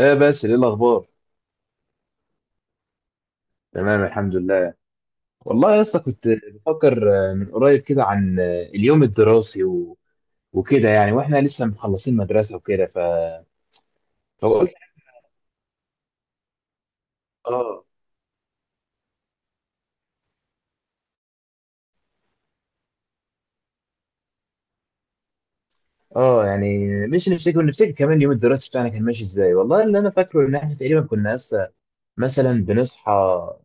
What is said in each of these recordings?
ايه بس ايه الاخبار؟ تمام، الحمد لله. والله يا اسطى، كنت بفكر من قريب كده عن اليوم الدراسي و... وكده، يعني واحنا لسه مخلصين مدرسه وكده، فقلت. اه. اه، يعني مش نفتكر، ونفتكر كمان اليوم الدراسي بتاعنا كان ماشي ازاي. والله اللي انا فاكره ان احنا تقريبا كنا لسه مثلا بنصحى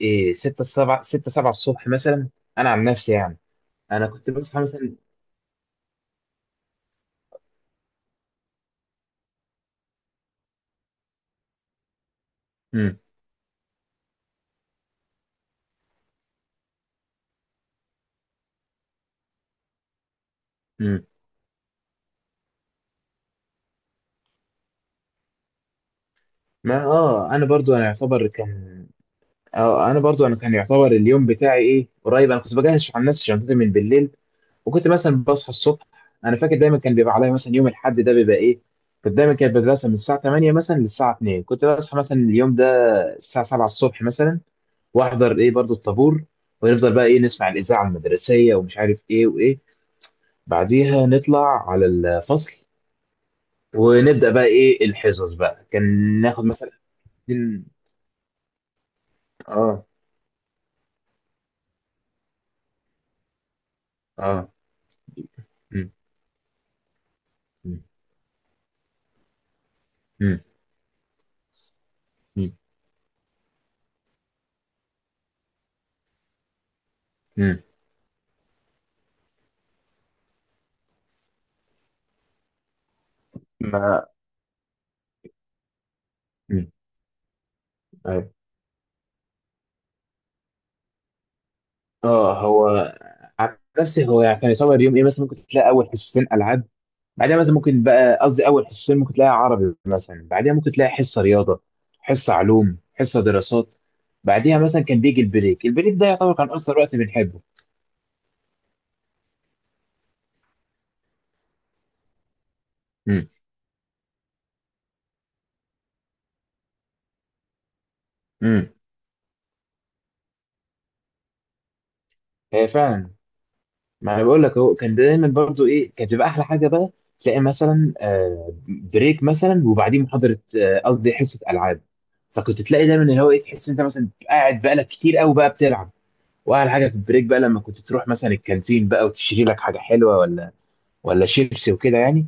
ايه 6 7 6 7 الصبح مثلا. انا عن نفسي يعني، انا كنت بصحى مثلا. امم. امم. ما اه، انا برضو انا يعتبر كان. اه، انا برضو انا كان يعتبر اليوم بتاعي ايه قريب. انا كنت بجهز عن نفسي شنطتي من بالليل، وكنت مثلا بصحى الصبح. انا فاكر دايما كان بيبقى عليا مثلا يوم الاحد ده بيبقى ايه، كنت دايما كانت المدرسه من الساعه 8 مثلا للساعه 2، كنت بصحى مثلا اليوم ده الساعه 7 الصبح مثلا. واحضر ايه برضو الطابور، ونفضل بقى ايه نسمع الاذاعه المدرسيه ومش عارف ايه وايه. بعديها نطلع على الفصل، ونبدا بقى ايه الحصص بقى كان ناخد مثلا. اه. اه. مم، مم، مم، مم، مم. ما مم. أيوة. اه هو، عن نفسي هو يعني كان يصور يوم ايه، مثلا ممكن تلاقي اول حصتين العاب. بعدها مثلا ممكن بقى، قصدي اول حصتين ممكن تلاقي عربي مثلا، بعدها ممكن تلاقي حصه رياضه، حصه علوم، حصه دراسات. بعدها مثلا كان بيجي البريك، البريك ده يعتبر كان اكثر وقت بنحبه. امم. امم. هي فعلا. ما انا بقول لك هو كان دايما برضو ايه، كانت بتبقى احلى حاجه بقى. تلاقي مثلا بريك مثلا وبعدين محاضره، قصدي حصه العاب. فكنت تلاقي دايما اللي هو ايه، تحس انت مثلا قاعد بقالك كتير قوي بقى بتلعب. واحلى حاجه في البريك بقى، لما كنت تروح مثلا الكانتين بقى وتشتري لك حاجه حلوه، ولا شيبسي وكده يعني.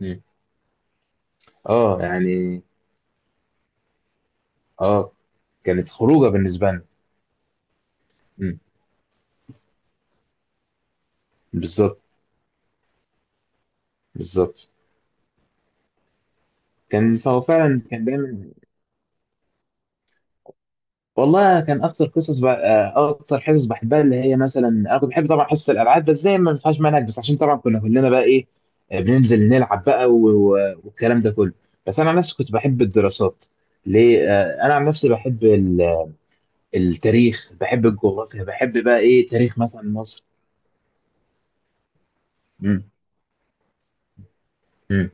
مم. اه يعني. اه. كانت خروجه بالنسبه لنا. مم. بالظبط. بالظبط. كان فهو فعلا كان دايما. والله كان اكتر قصص اكتر حصص بحبها اللي هي، مثلا انا كنت بحب طبعا حصص الالعاب، بس زي ما ما فيهاش منهج، بس عشان طبعا كنا كلنا بقى ايه، بننزل نلعب بقى و... و... والكلام ده كله. بس انا عن نفسي كنت بحب الدراسات. ليه؟ انا عن نفسي بحب التاريخ، بحب الجغرافيا، بحب بقى ايه تاريخ مثلا مصر. امم. امم.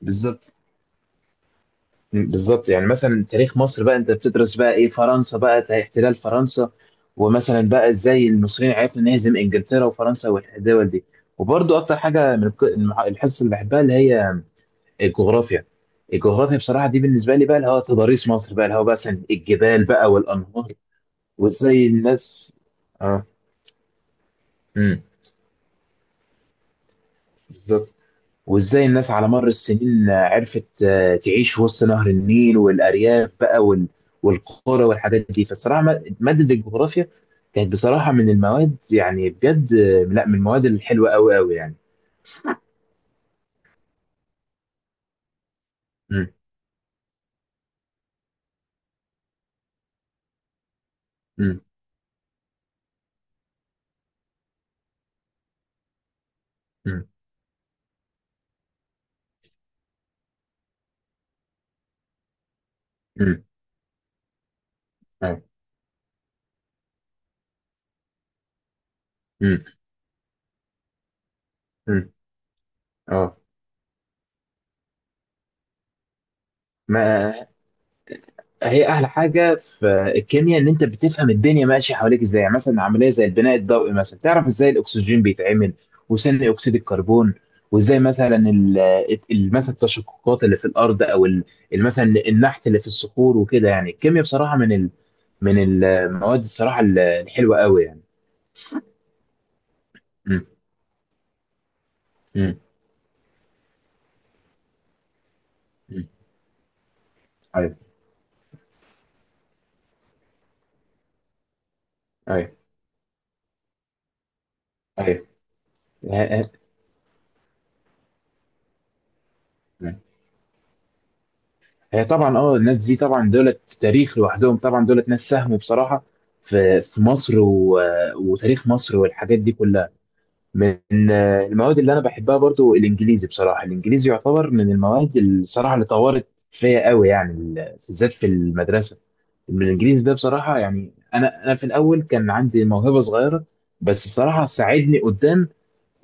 بالظبط. مم، بالظبط. يعني مثلا تاريخ مصر بقى انت بتدرس بقى ايه فرنسا بقى احتلال فرنسا. ومثلا بقى ازاي المصريين عرفنا نهزم انجلترا وفرنسا والدول دي. وبرضو اكتر حاجه من الحصه اللي بحبها اللي هي الجغرافيا. الجغرافيا بصراحه دي بالنسبه لي بقى اللي هو تضاريس مصر بقى، اللي هو مثلا الجبال بقى والانهار. وازاي الناس. اه. امم. بالظبط. وازاي الناس على مر السنين عرفت تعيش وسط نهر النيل والارياف بقى والقرى والحاجات دي. فالصراحه مادة الجغرافيا كانت بصراحه من المواد، يعني بجد، لا من المواد الحلوه قوي قوي يعني. امم. امم. امم. امم. اه. امم. امم. اه. ما هي احلى حاجه في الكيمياء ان انت بتفهم الدنيا ماشيه حواليك ازاي. يعني مثلا عمليه زي البناء الضوئي، مثلا تعرف ازاي الاكسجين بيتعمل وثاني اكسيد الكربون. وازاي مثلا مثلا التشققات اللي في الارض، او مثلا النحت اللي في الصخور وكده. يعني الكيمياء بصراحه من من المواد، الصراحه الحلوه قوي يعني. امم. امم. امم. ايوه. ايوه. ايوه. هي طبعا اه، الناس دي طبعا دولت تاريخ لوحدهم. طبعا دولت ناس ساهموا بصراحة في مصر و... وتاريخ مصر والحاجات دي كلها. من المواد اللي انا بحبها برضو الانجليزي بصراحة. الانجليزي يعتبر من المواد الصراحة اللي طورت فيا قوي يعني، بالذات في المدرسة. الانجليزي ده بصراحة، يعني انا في الاول كان عندي موهبة صغيرة، بس الصراحة ساعدني قدام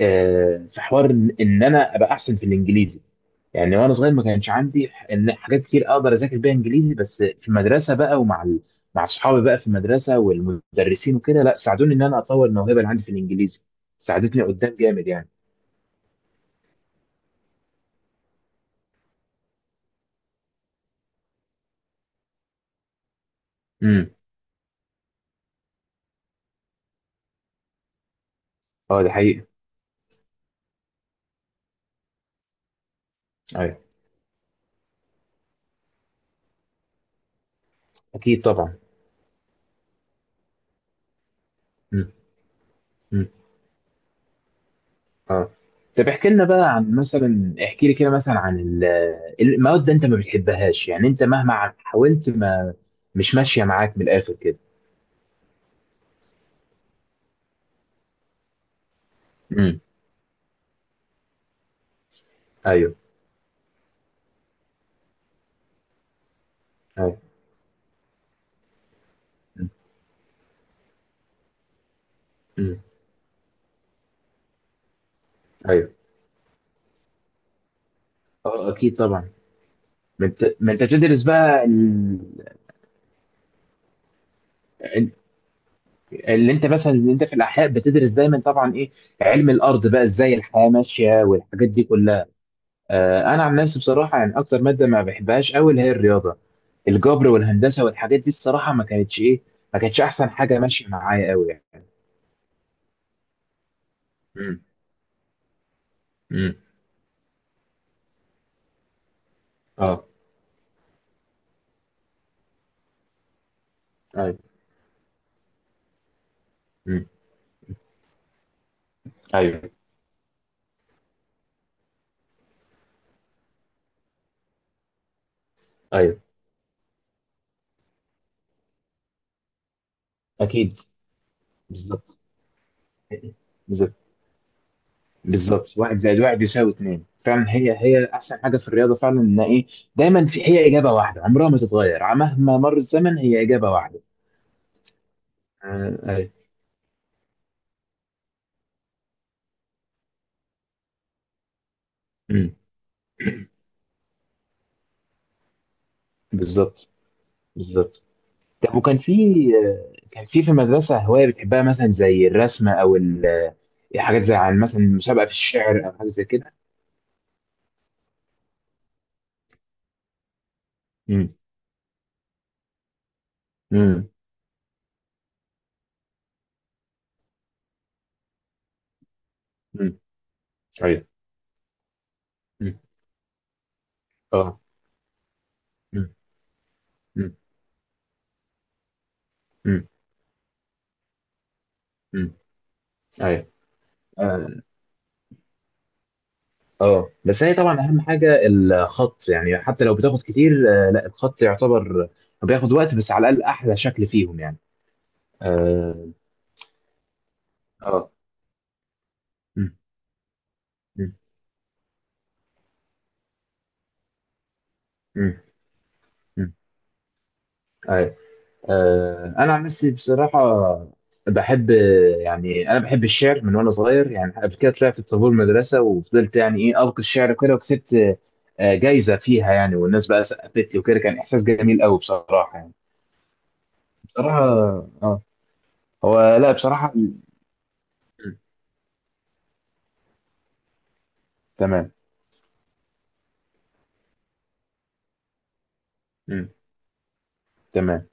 في حوار إن انا ابقى احسن في الانجليزي يعني. وانا صغير ما كانش عندي ان حاجات كتير اقدر اذاكر بيها انجليزي، بس في المدرسه بقى ومع مع اصحابي بقى في المدرسه والمدرسين وكده، لا ساعدوني ان انا اطور الموهبه اللي عندي في الانجليزي. ساعدتني قدام جامد يعني. امم. اه ده حقيقي. ايوه. اكيد طبعا. امم. امم. اه. طب احكي لنا بقى عن مثلا، احكي لي كده مثلا عن المواد ده انت ما بتحبهاش، يعني انت مهما حاولت ما، مش ماشيه معاك من الاخر كده. امم. ايوه. ايوه. مم. مم. ايوه. اه اكيد طبعا. ما انت، بتدرس بقى ال- اللي انت مثلا، اللي انت في الاحياء بتدرس دايما طبعا ايه علم الارض بقى ازاي الحياه ماشيه والحاجات دي كلها. آه انا عن نفسي بصراحه، يعني اكتر ماده ما بحبهاش قوي اللي هي الرياضه، الجبر والهندسه والحاجات دي. الصراحه ما كانتش ايه، ما كانتش احسن حاجه ماشيه معايا قوي يعني. امم. امم. اه. ايوه. امم. ايوه. ايوه. اكيد. بالظبط. بالظبط. بالظبط، واحد زائد واحد يساوي اتنين فعلا. هي هي احسن حاجه في الرياضه فعلا، ان ايه، دايما في هي اجابه واحده عمرها ما تتغير. مهما مر الزمن هي اجابه واحده. آه، ايوه. امم. بالظبط. بالظبط. طب وكان في كان في المدرسه هوايه بتحبها، مثلا زي الرسم او حاجات زي عن مثلا مسابقه في الشعر او حاجه زي كده؟ امم. امم. امم. ايوه. مم. اه. امم. امم. امم. ايوه. آه. اه بس هي طبعا اهم حاجه الخط، يعني حتى لو بتاخد كتير، لا الخط يعتبر بياخد وقت، بس على الاقل احلى شكل فيهم يعني. اه. اه. مم، مم، مم، مم. أيوة. انا عن نفسي بصراحه بحب، يعني انا بحب الشعر من وانا صغير يعني. قبل كده طلعت بطابور مدرسه وفضلت يعني ايه القي الشعر وكده، وكسبت جايزه فيها يعني، والناس بقى سقفت لي وكده، كان احساس جميل قوي بصراحه يعني. بصراحه. اه هو لا بصراحه. تمام. مم. تمام.